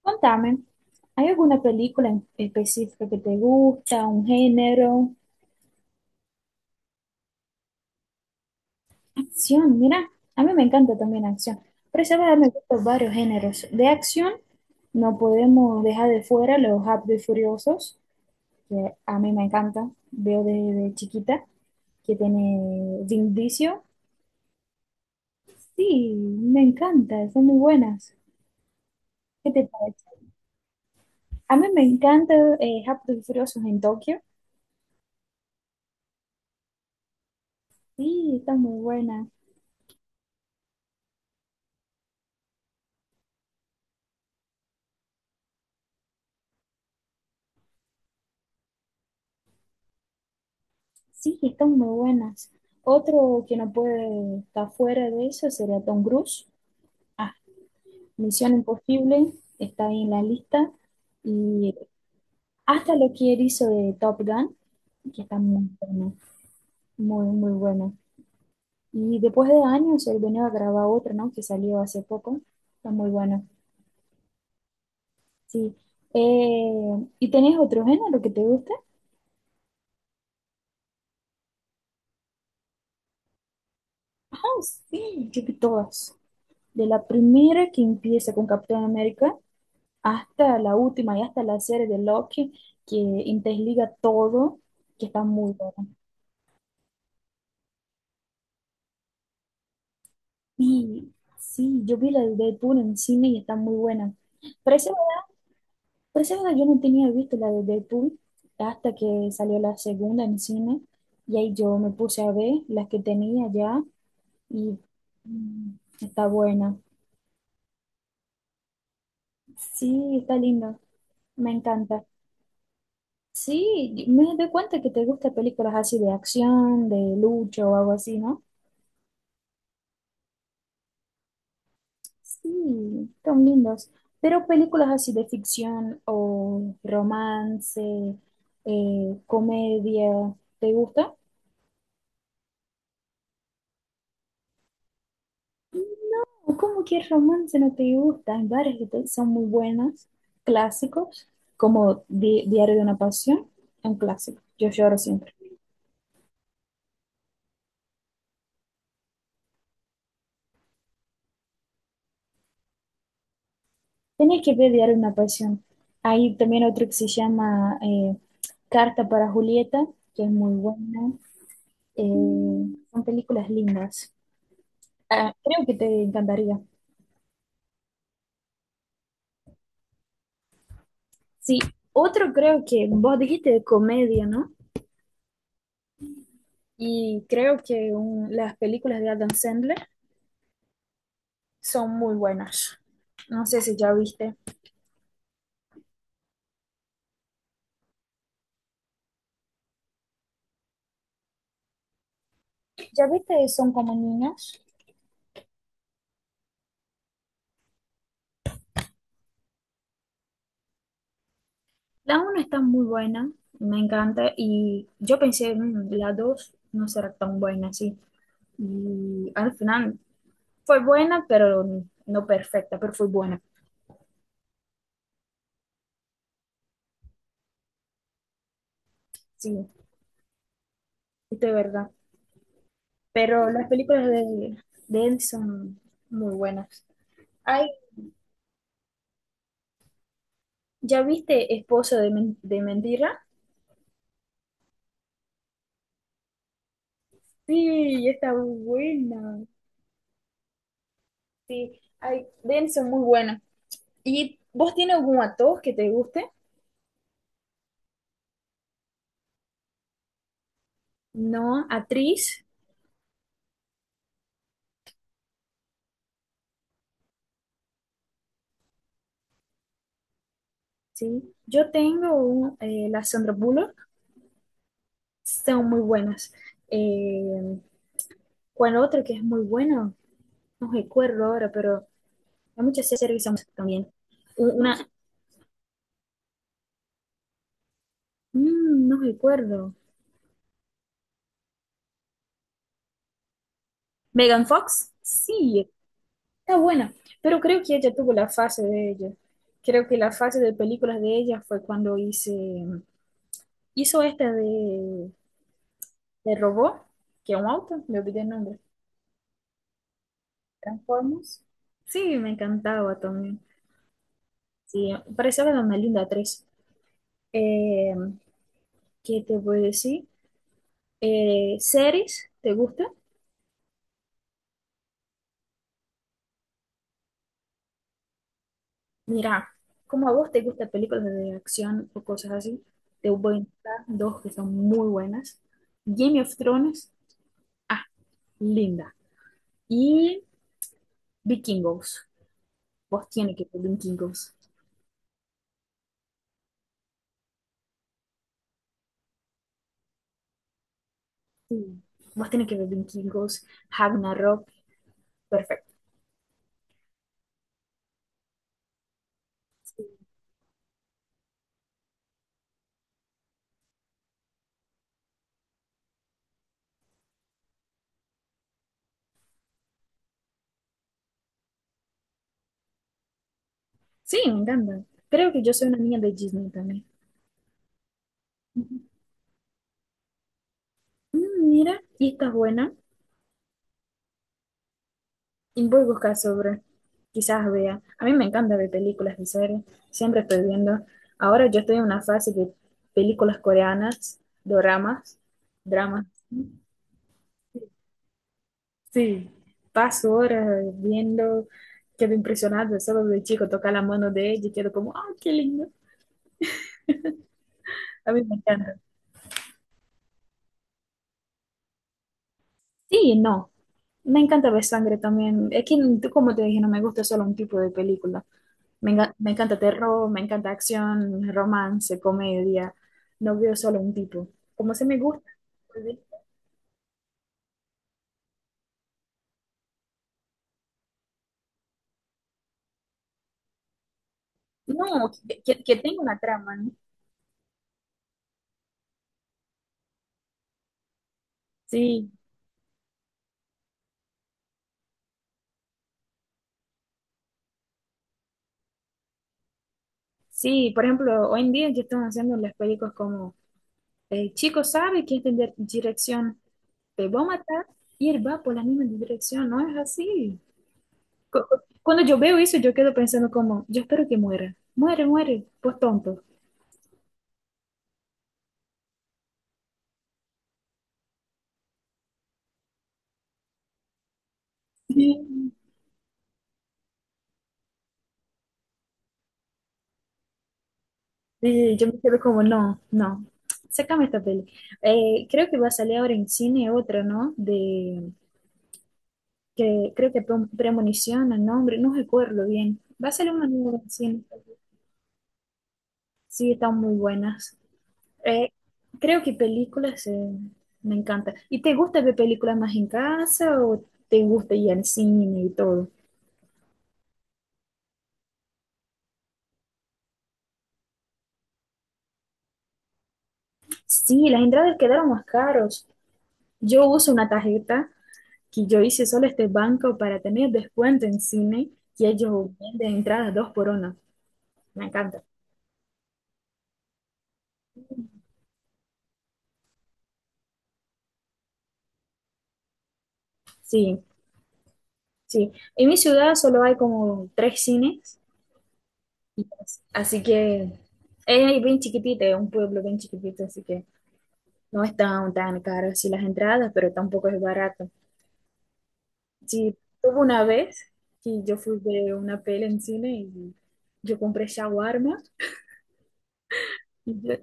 Contame, ¿hay alguna película en específica que te gusta, un género? Acción, mira, a mí me encanta también acción, pero sabes, me gustan varios géneros. De acción, no podemos dejar de fuera los Rápidos y Furiosos, que a mí me encanta, veo desde chiquita, que tiene Vin Diesel. Sí, me encanta, son muy buenas. ¿Qué te parece? A mí me encanta Rápidos y Furiosos en Tokio. Sí, están muy buenas. Sí, están muy buenas. Otro que no puede estar fuera de eso sería Tom Cruise. Ah, Misión Imposible está ahí en la lista. Y hasta lo que él hizo de Top Gun, que está muy bueno, muy, muy bueno. Y después de años, él venía a grabar otro, ¿no? Que salió hace poco. Está muy bueno. Sí. Eh, ¿Y tenés otro género que te guste? Ah, sí, yo vi todas. De la primera que empieza con Capitán América hasta la última y hasta la serie de Loki que interliga todo, que está muy buena. Y sí, yo vi la de Deadpool en cine y está muy buena. Pero esa, pero esa verdad, yo no tenía visto la de Deadpool hasta que salió la segunda en cine y ahí yo me puse a ver las que tenía ya y mm, está buena. Sí, está lindo, me encanta. Sí, me doy cuenta que te gustan películas así de acción, de lucha o algo así, ¿no? Sí, son lindos. Pero películas así de ficción o romance, comedia, ¿te gusta? No, ¿cómo que romance no te gusta? Hay varias que son muy buenas, clásicos, como Diario de una Pasión, un clásico. Yo lloro siempre. Tenés que ver Diario de una Pasión. Hay también otro que se llama Carta para Julieta, que es muy buena. Eh, Son películas lindas. Ah, creo que te encantaría. Sí, otro creo que vos dijiste de comedia, ¿no? Y creo que las películas de Adam Sandler son muy buenas. No sé si ya viste. ¿Ya viste? Son como niñas. La 1 está muy buena, me encanta. Y yo pensé, "Mm, la 2 no será tan buena, sí." Y al final fue buena, pero no perfecta, pero fue buena. Sí, esto es verdad. Pero las películas de él son muy buenas. Hay ¿ya viste Esposo de, de Mentira? Sí, está buena. Sí, ay, denso, muy buena. ¿Y vos tienes algún actor que te guste? No, actriz, sí. Yo tengo la Sandra Bullock, son muy buenas. Eh, ¿Cuál otro que es muy bueno? No recuerdo ahora, pero hay muchas series que son también. Una, mm, no recuerdo. ¿Megan Fox? Sí, está buena, pero creo que ella tuvo la fase de ella. Creo que la fase de películas de ella fue cuando hizo esta de robot, que es un auto, me olvidé el nombre. Transformers. Sí, me encantaba también. Sí, parecía de una linda actriz. Eh, ¿Qué te voy a decir? ¿Series? ¿Te gusta? Mira, como a vos te gustan películas de acción o cosas así, te voy a dar dos que son muy buenas. Game of Thrones, ah, linda. Y Vikingos. Vos tiene que ver Vikingos. Sí, vos tenés que ver Vikingos, Ragnarok. Perfecto. Sí. Sí, me encanta. Creo que yo soy una niña de Disney también. Ujú. Mm, mira, y está buena. Y voy a buscar sobre. Quizás vea. A mí me encanta ver películas y series. Siempre estoy viendo. Ahora yo estoy en una fase de películas coreanas, doramas, dramas. Sí, paso horas viendo, quedo impresionada, solo de chico tocar la mano de ella y quedo como, ¡ah, qué lindo! A mí me encanta. Sí, no, me encanta ver sangre también. Es que, tú, como te dije, no me gusta solo un tipo de película. Me encanta terror, me encanta acción, romance, comedia. No veo solo un tipo. Como se me gusta. Pues, ¿eh? No, que tenga una trama, ¿no? Sí, sí, por ejemplo, hoy en día que están haciendo las películas como, el chico sabe que es de dirección te va a matar y él va por la misma dirección, no es así. Cuando yo veo eso, yo quedo pensando como, yo espero que muera, muere, muere, por tonto. Y y yo me quedo como, no, no, sácame esta peli. Creo que va a salir ahora en cine otra, ¿no? De, que creo que premonición, el nombre, no recuerdo bien. Va a salir una nueva en cine. Sí, están muy buenas. Eh, Creo que películas me encanta. ¿Y te gusta ver películas más en casa o te gusta ir al cine y todo? Sí, las entradas quedaron más caros. Yo uso una tarjeta que yo hice solo este banco para tener descuento en cine y ellos venden entradas dos por una. Me encanta. Sí, sí. En mi ciudad solo hay como tres cines, y- así que es bien chiquitito, es un pueblo bien chiquitito, así que no están tan caras sí, las entradas, pero tampoco es barato. Sí, tuve una vez que yo fui de una peli en cine y yo compré shawarma. Y yo,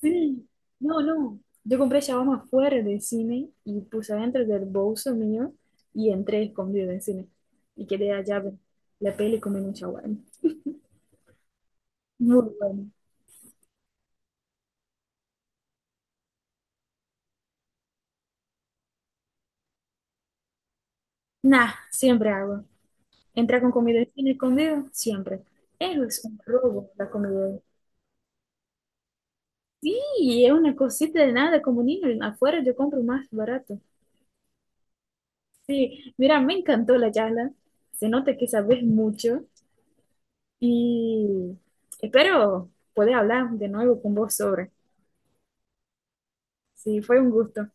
sí, no, no. Yo compré shawarma fuera del cine y puse dentro del bolso mío y entré escondido en cine. Y quedé allá ver la peli comiendo shawarma. Muy bueno. Nah, siempre hago. Entrar con comida en cine escondido, siempre. Eso es un robo, la comida. Sí, es una cosita de nada, como niño, afuera yo compro más barato. Sí, mira, me encantó la charla. Se nota que sabes mucho y espero poder hablar de nuevo con vos sobre. Sí, fue un gusto.